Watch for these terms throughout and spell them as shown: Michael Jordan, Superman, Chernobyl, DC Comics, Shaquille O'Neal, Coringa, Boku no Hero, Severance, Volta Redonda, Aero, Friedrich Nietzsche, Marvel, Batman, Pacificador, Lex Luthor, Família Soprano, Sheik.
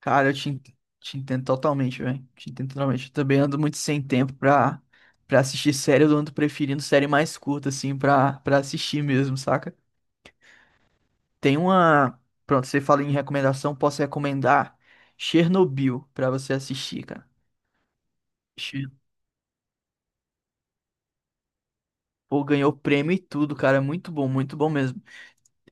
Cara, te entendo totalmente, velho. Te entendo totalmente. Eu também ando muito sem tempo pra assistir série. Eu ando preferindo série mais curta, assim, pra assistir mesmo, saca? Tem uma. Pronto, você fala em recomendação, posso recomendar Chernobyl pra você assistir, cara. Che- Pô, ganhou prêmio e tudo, cara. É muito bom mesmo.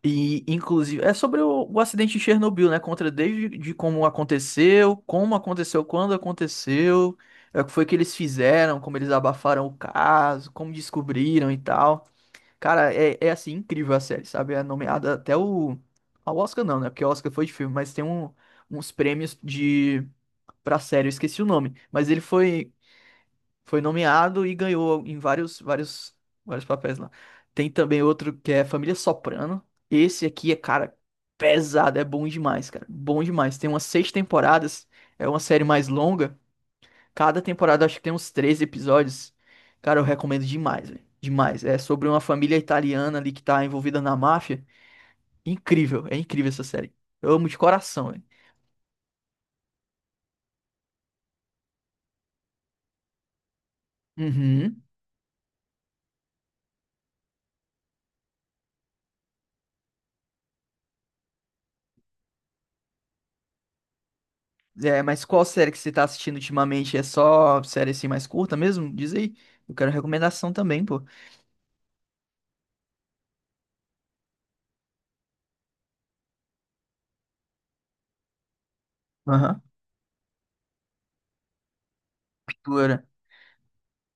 E, inclusive, é sobre o acidente de Chernobyl, né? Contra desde de como aconteceu, quando aconteceu, o que foi que eles fizeram, como eles abafaram o caso, como descobriram e tal. Cara, é assim, incrível a série, sabe? É nomeada até o. Ao Oscar não, né? Porque o Oscar foi de filme, mas tem um, uns prêmios de pra série, eu esqueci o nome. Mas ele foi. Foi nomeado e ganhou em vários, vários, vários papéis lá. Tem também outro que é Família Soprano. Esse aqui é, cara, pesado, é bom demais, cara. Bom demais. Tem umas seis temporadas, é uma série mais longa. Cada temporada acho que tem uns três episódios. Cara, eu recomendo demais, velho. Demais. É sobre uma família italiana ali que tá envolvida na máfia. Incrível, é incrível essa série. Eu amo de coração, velho. Uhum. É, mas qual série que você tá assistindo ultimamente? É só série assim mais curta mesmo? Diz aí. Eu quero recomendação também, pô. Aham. Pintura.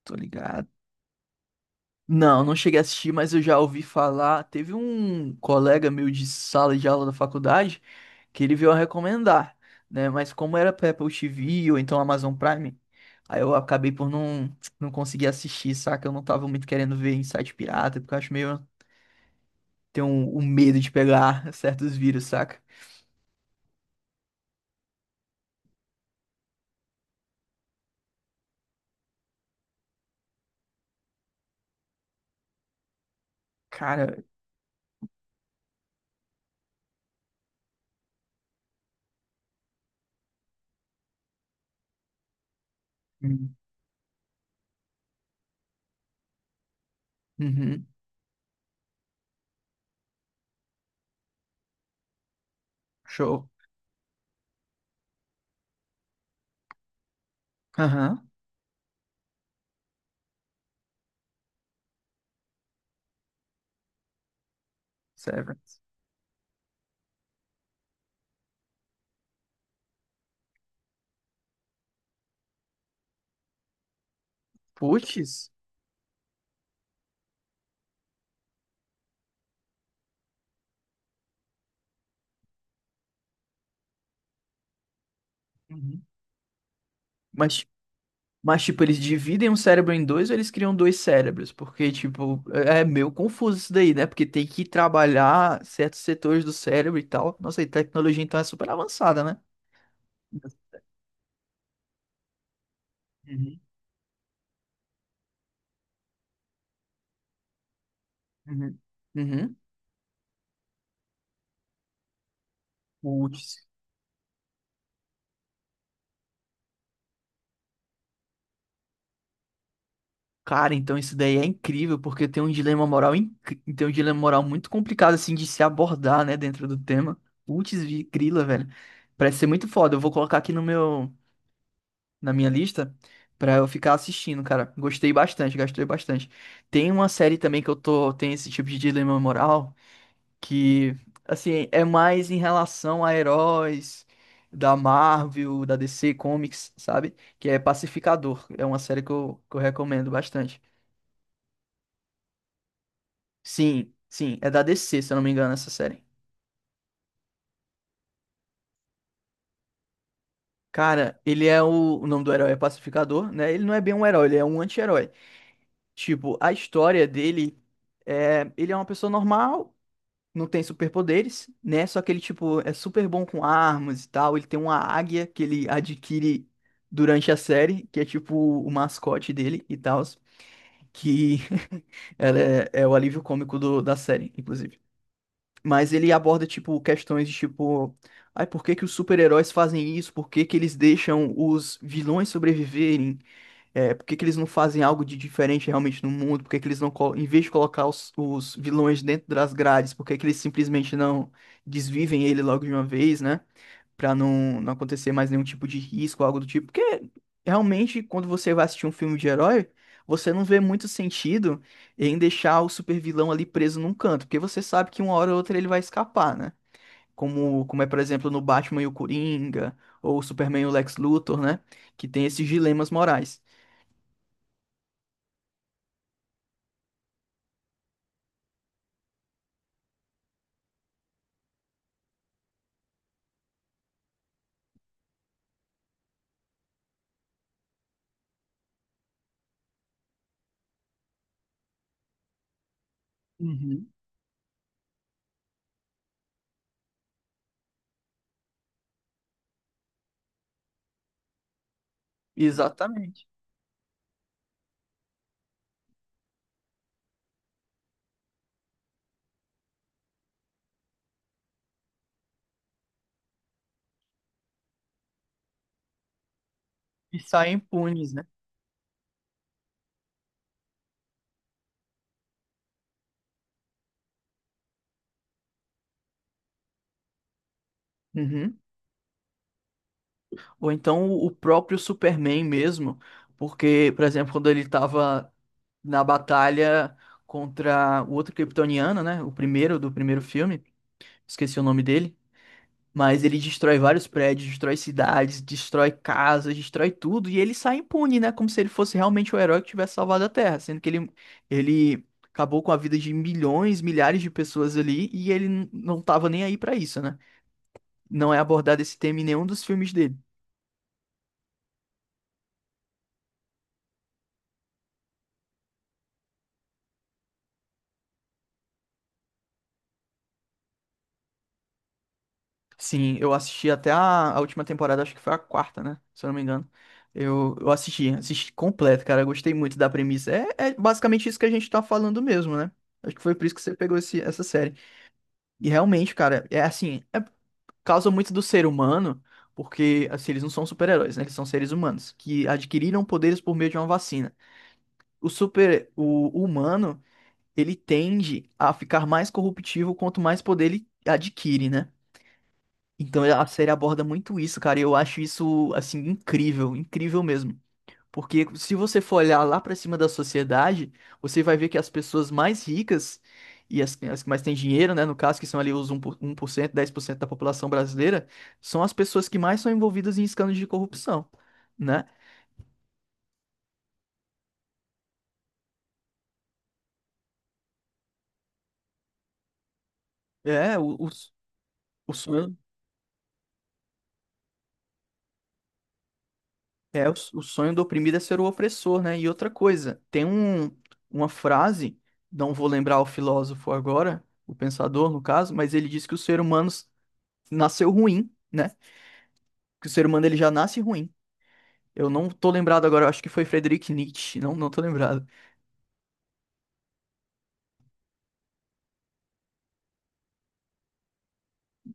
Tô ligado. Não, não cheguei a assistir, mas eu já ouvi falar. Teve um colega meu de sala de aula da faculdade que ele veio a recomendar, né? Mas como era pra Apple TV ou então Amazon Prime, aí eu acabei por não, não conseguir assistir, saca? Eu não tava muito querendo ver em site pirata, porque eu acho meio. Tenho um medo de pegar certos vírus, saca? Cara. Uhum. Show. Aham. Severance. Puts. Uhum. Mas, mas, tipo, eles dividem um cérebro em dois ou eles criam dois cérebros? Porque, tipo, é meio confuso isso daí, né? Porque tem que trabalhar certos setores do cérebro e tal. Nossa, e tecnologia então é super avançada, né? Uhum. Uhum. Uhum. Puts. Cara, então isso daí é incrível, porque tem um dilema moral, tem um dilema moral muito complicado, assim, de se abordar, né, dentro do tema. Putz, grila, velho. Parece ser muito foda. Eu vou colocar aqui no meu, na minha lista pra eu ficar assistindo, cara. Gostei bastante, gostei bastante. Tem uma série também que eu tô, tem esse tipo de dilema moral, que, assim, é mais em relação a heróis da Marvel, da DC Comics, sabe? Que é Pacificador. É uma série que eu recomendo bastante. Sim, sim, é da DC, se eu não me engano, essa série. Cara, ele é o nome do herói é Pacificador, né? Ele não é bem um herói, ele é um anti-herói. Tipo, a história dele ele é uma pessoa normal, não tem superpoderes, né? Só que ele tipo é super bom com armas e tal, ele tem uma águia que ele adquire durante a série, que é tipo o mascote dele e tal, que ela é o alívio cômico da série, inclusive. Mas ele aborda, tipo, questões de tipo. Ai, por que que os super-heróis fazem isso? Por que que eles deixam os vilões sobreviverem? É, por que que eles não fazem algo de diferente realmente no mundo? Por que que eles não, em vez de colocar os vilões dentro das grades, por que que eles simplesmente não desvivem ele logo de uma vez, né? Pra não, não acontecer mais nenhum tipo de risco, algo do tipo. Porque realmente, quando você vai assistir um filme de herói, você não vê muito sentido em deixar o supervilão ali preso num canto, porque você sabe que uma hora ou outra ele vai escapar, né? Por exemplo, no Batman e o Coringa, ou o Superman e o Lex Luthor, né? Que tem esses dilemas morais. Uhum. Exatamente. E saem impunes, né? Uhum. Ou então o próprio Superman mesmo, porque, por exemplo, quando ele tava na batalha contra o outro kryptoniano, né? O primeiro do primeiro filme, esqueci o nome dele, mas ele destrói vários prédios, destrói cidades, destrói casas, destrói tudo e ele sai impune, né? Como se ele fosse realmente o herói que tivesse salvado a Terra, sendo que ele acabou com a vida de milhões, milhares de pessoas ali e ele não tava nem aí pra isso, né? Não é abordado esse tema em nenhum dos filmes dele. Sim, eu assisti até a última temporada, acho que foi a 4ª, né? Se eu não me engano. Eu assisti, assisti completo, cara. Eu Gostei muito da premissa. É, é basicamente isso que a gente tá falando mesmo, né? Acho que foi por isso que você pegou essa série. E realmente, cara, é assim, é causa muito do ser humano, porque assim, eles não são super-heróis, né? Eles são seres humanos que adquiriram poderes por meio de uma vacina. O humano, ele tende a ficar mais corruptível quanto mais poder ele adquire, né? Então a série aborda muito isso, cara, e eu acho isso, assim, incrível, incrível mesmo. Porque se você for olhar lá pra cima da sociedade, você vai ver que as pessoas mais ricas as que mais têm dinheiro, né, no caso, que são ali os um por 1%, 10% da população brasileira, são as pessoas que mais são envolvidas em escândalos de corrupção, né? É, o- os, os, o sonho do oprimido é ser o opressor, né? E outra coisa, tem um, uma frase, não vou lembrar o filósofo agora, o pensador no caso, mas ele diz que o ser humano nasceu ruim, né? Que o ser humano ele já nasce ruim. Eu não tô lembrado agora, eu acho que foi Friedrich Nietzsche, não, não tô lembrado.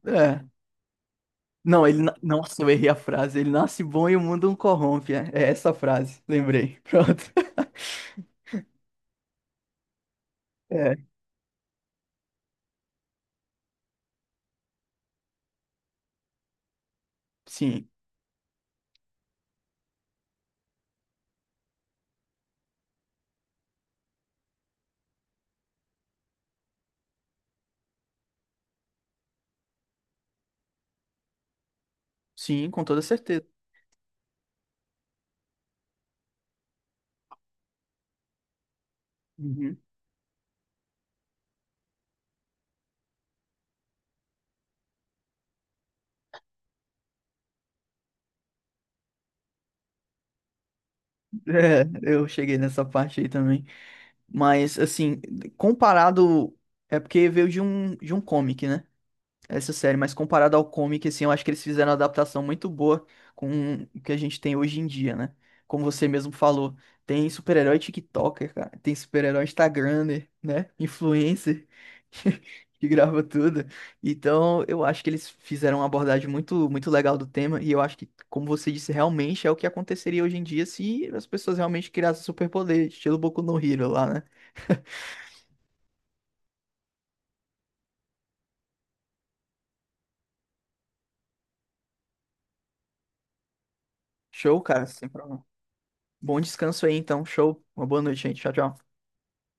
É. Não, ele. Nossa, eu errei a frase. Ele nasce bom e o mundo o corrompe. É, é essa a frase, lembrei. Pronto. É, sim, sim, com toda certeza. Uhum. É, eu cheguei nessa parte aí também. Mas, assim, comparado. É porque veio de um comic, né? Essa série, mas comparado ao comic, assim, eu acho que eles fizeram uma adaptação muito boa com o que a gente tem hoje em dia, né? Como você mesmo falou, tem super-herói TikToker, cara, tem super-herói Instagramer, né? Influencer, que grava tudo. Então, eu acho que eles fizeram uma abordagem muito, muito legal do tema, e eu acho que, como você disse, realmente é o que aconteceria hoje em dia se as pessoas realmente criassem superpoder, estilo Boku no Hero lá, né? Show, cara, sem problema. Bom descanso aí, então. Show. Uma boa noite, gente. Tchau, tchau.